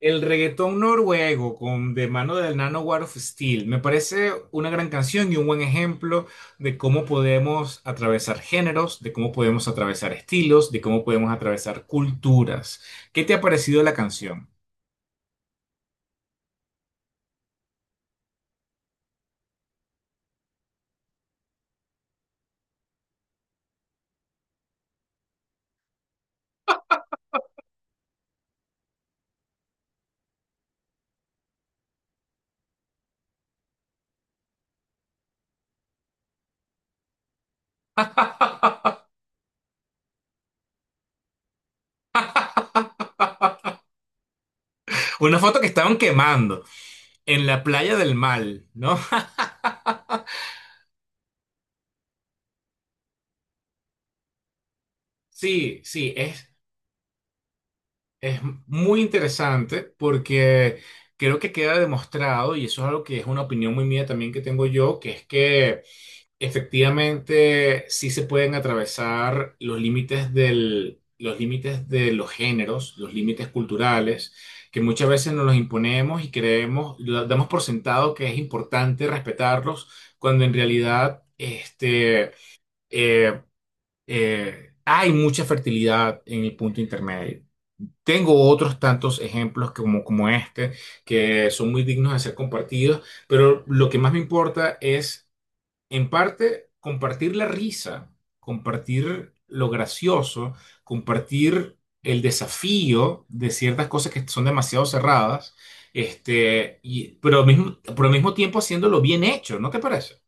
El reggaetón noruego con de mano del Nano War of Steel me parece una gran canción y un buen ejemplo de cómo podemos atravesar géneros, de cómo podemos atravesar estilos, de cómo podemos atravesar culturas. ¿Qué te ha parecido la canción? Una foto que estaban quemando en la playa del mal, ¿no? Sí, sí, es muy interesante porque creo que queda demostrado, y eso es algo que es una opinión muy mía también que tengo yo, que es que efectivamente, sí se pueden atravesar los límites de los géneros, los límites culturales, que muchas veces nos los imponemos y creemos, lo damos por sentado que es importante respetarlos, cuando en realidad eh, hay mucha fertilidad en el punto intermedio. Tengo otros tantos ejemplos como este que son muy dignos de ser compartidos, pero lo que más me importa es, en parte, compartir la risa, compartir lo gracioso, compartir el desafío de ciertas cosas que son demasiado cerradas, pero al mismo tiempo haciéndolo bien hecho, ¿no te parece?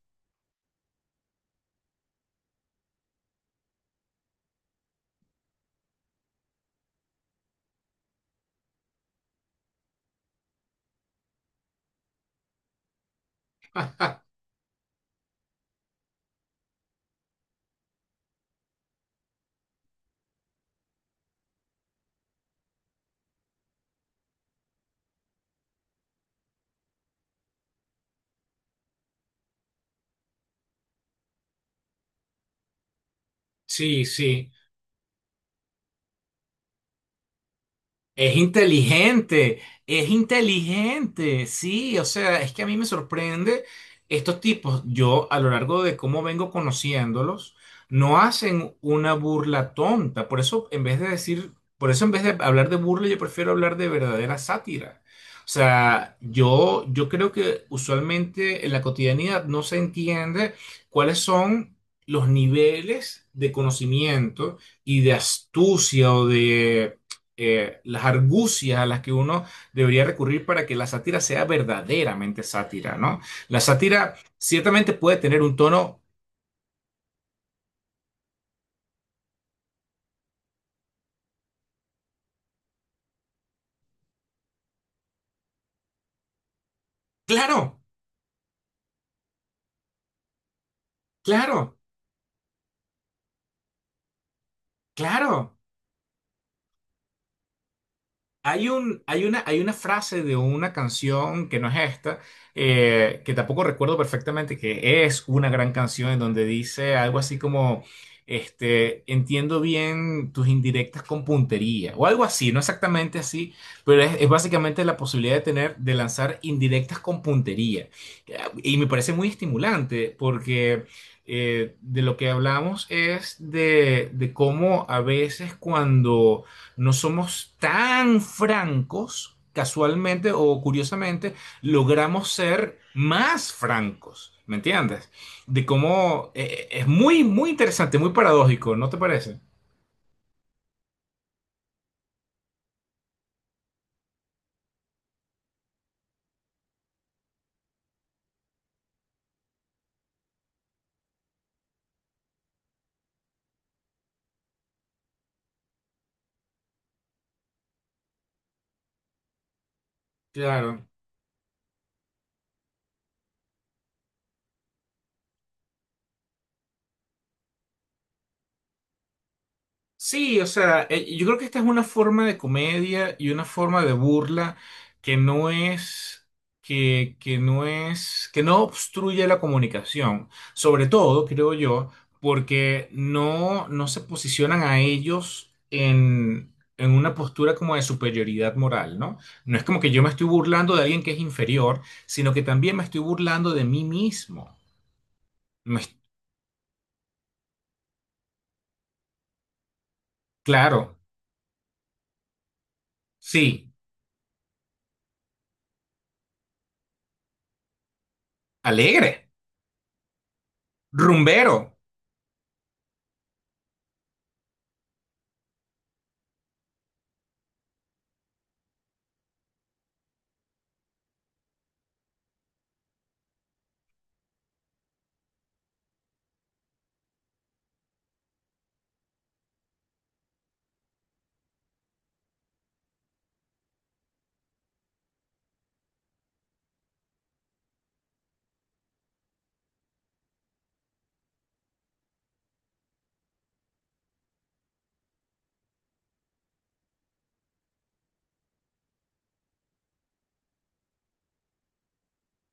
Sí, sí. Es inteligente, es inteligente, sí, o sea, es que a mí me sorprende estos tipos, yo a lo largo de cómo vengo conociéndolos, no hacen una burla tonta, por eso en vez de hablar de burla, yo prefiero hablar de verdadera sátira. O sea, yo creo que usualmente en la cotidianidad no se entiende cuáles son los niveles de conocimiento y de astucia o de las argucias a las que uno debería recurrir para que la sátira sea verdaderamente sátira, ¿no? La sátira ciertamente puede tener un tono claro, claro, claro. Hay un, hay una frase de una canción que no es esta, que tampoco recuerdo perfectamente, que es una gran canción en donde dice algo así como, entiendo bien tus indirectas con puntería, o algo así, no exactamente así, pero es básicamente la posibilidad de tener, de lanzar indirectas con puntería. Eh, Y me parece muy estimulante porque de lo que hablamos es de cómo a veces cuando no somos tan francos, casualmente o curiosamente, logramos ser más francos, ¿me entiendes? De cómo es muy, muy interesante, muy paradójico, ¿no te parece? Claro. Sí, o sea, yo creo que esta es una forma de comedia y una forma de burla que no es, que no es, que no obstruye la comunicación. Sobre todo, creo yo, porque no se posicionan a ellos en una postura como de superioridad moral, ¿no? No es como que yo me estoy burlando de alguien que es inferior, sino que también me estoy burlando de mí mismo. Me- claro, sí, alegre, rumbero.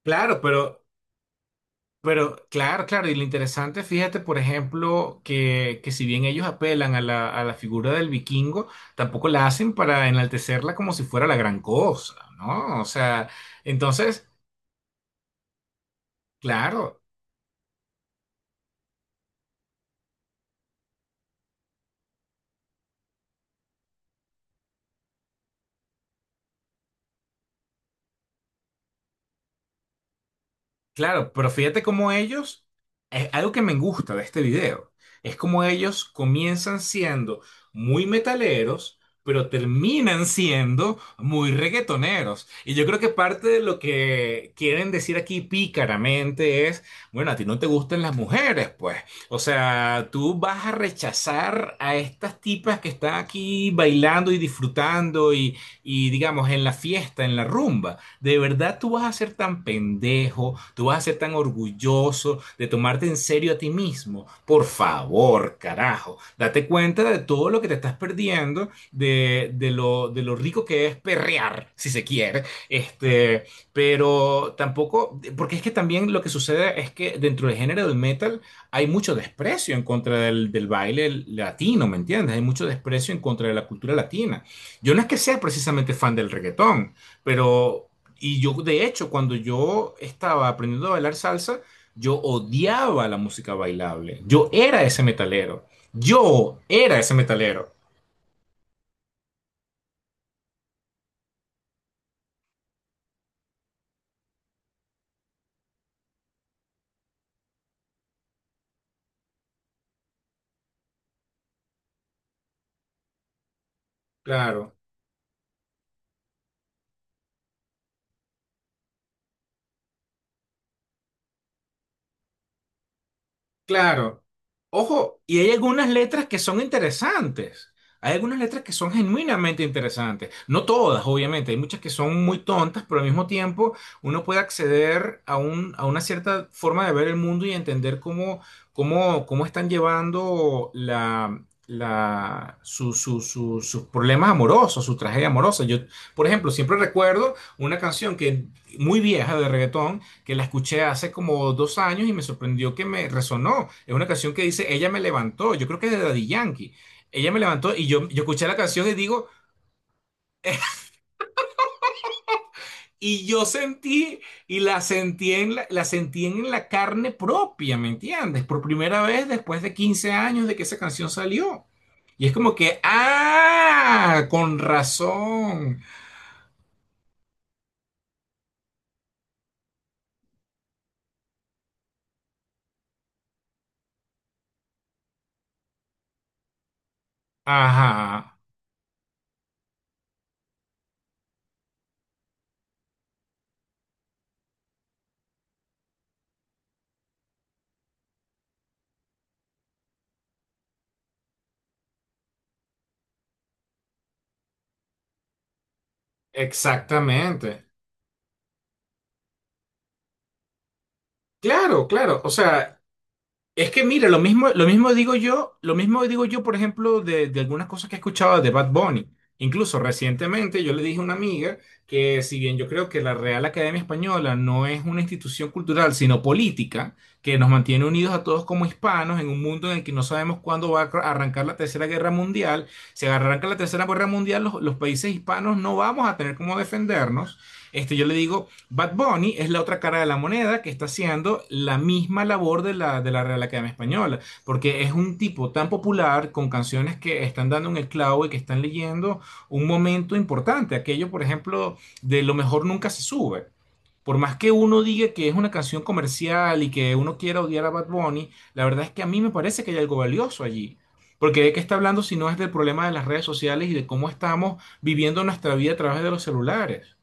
Claro, pero claro, claro, y lo interesante, fíjate, por ejemplo, que si bien ellos apelan a la figura del vikingo, tampoco la hacen para enaltecerla como si fuera la gran cosa, ¿no? O sea, entonces, claro. Claro, pero fíjate cómo ellos, es algo que me gusta de este video, es como ellos comienzan siendo muy metaleros, pero terminan siendo muy reggaetoneros. Y yo creo que parte de lo que quieren decir aquí pícaramente es, bueno, a ti no te gustan las mujeres, pues. O sea, tú vas a rechazar a estas tipas que están aquí bailando y disfrutando y digamos, en la fiesta, en la rumba. ¿De verdad tú vas a ser tan pendejo? ¿Tú vas a ser tan orgulloso de tomarte en serio a ti mismo? Por favor, carajo. Date cuenta de todo lo que te estás perdiendo, de lo rico que es perrear, si se quiere. Pero tampoco, porque es que también lo que sucede es que dentro del género del metal hay mucho desprecio en contra del baile latino, ¿me entiendes? Hay mucho desprecio en contra de la cultura latina. Yo no es que sea precisamente fan del reggaetón, pero y yo, de hecho, cuando yo estaba aprendiendo a bailar salsa, yo odiaba la música bailable. Yo era ese metalero. Yo era ese metalero. Claro. Claro. Ojo, y hay algunas letras que son interesantes. Hay algunas letras que son genuinamente interesantes. No todas, obviamente. Hay muchas que son muy tontas, pero al mismo tiempo uno puede acceder a una cierta forma de ver el mundo y entender cómo están llevando la, la, su- su- su- sus problemas amorosos, su tragedia amorosa. Yo, por ejemplo, siempre recuerdo una canción que muy vieja de reggaetón que la escuché hace como 2 años y me sorprendió que me resonó. Es una canción que dice Ella me levantó, yo creo que es de Daddy Yankee. Ella me levantó y yo escuché la canción y digo, y yo sentí, y la sentí en la sentí en la carne propia, ¿me entiendes? Por primera vez después de 15 años de que esa canción salió. Y es como que, ah, con razón. Ajá, exactamente. Claro, claro. O sea, es que mira, lo mismo digo yo, por ejemplo, de algunas cosas que he escuchado de Bad Bunny. Incluso recientemente yo le dije a una amiga que si bien yo creo que la Real Academia Española no es una institución cultural, sino política, que nos mantiene unidos a todos como hispanos en un mundo en el que no sabemos cuándo va a arrancar la Tercera Guerra Mundial, si arranca la Tercera Guerra Mundial, los países hispanos no vamos a tener cómo defendernos. Yo le digo, Bad Bunny es la otra cara de la moneda que está haciendo la misma labor de de la Real Academia Española, porque es un tipo tan popular con canciones que están dando en el clavo y que están leyendo un momento importante. Aquello, por ejemplo, de Lo mejor nunca se sube. Por más que uno diga que es una canción comercial y que uno quiera odiar a Bad Bunny, la verdad es que a mí me parece que hay algo valioso allí. Porque de qué está hablando si no es del problema de las redes sociales y de cómo estamos viviendo nuestra vida a través de los celulares.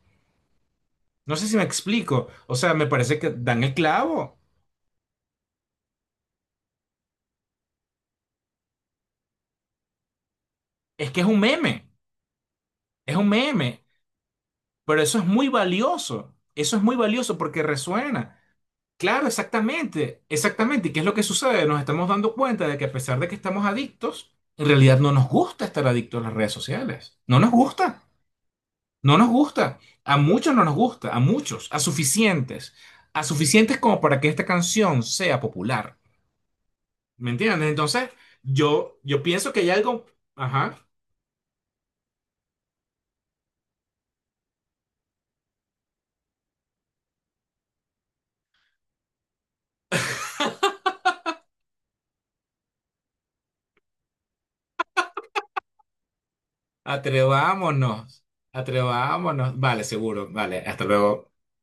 No sé si me explico. O sea, me parece que dan el clavo. Es que es un meme. Es un meme. Pero eso es muy valioso. Eso es muy valioso porque resuena. Claro, exactamente. Exactamente. ¿Y qué es lo que sucede? Nos estamos dando cuenta de que a pesar de que estamos adictos, en realidad no nos gusta estar adictos a las redes sociales. No nos gusta. No nos gusta. A muchos no nos gusta. A muchos. A suficientes. A suficientes como para que esta canción sea popular. ¿Me entiendes? Entonces, yo pienso que hay algo. Ajá. Atrevámonos, atrevámonos. Vale, seguro, vale, hasta luego.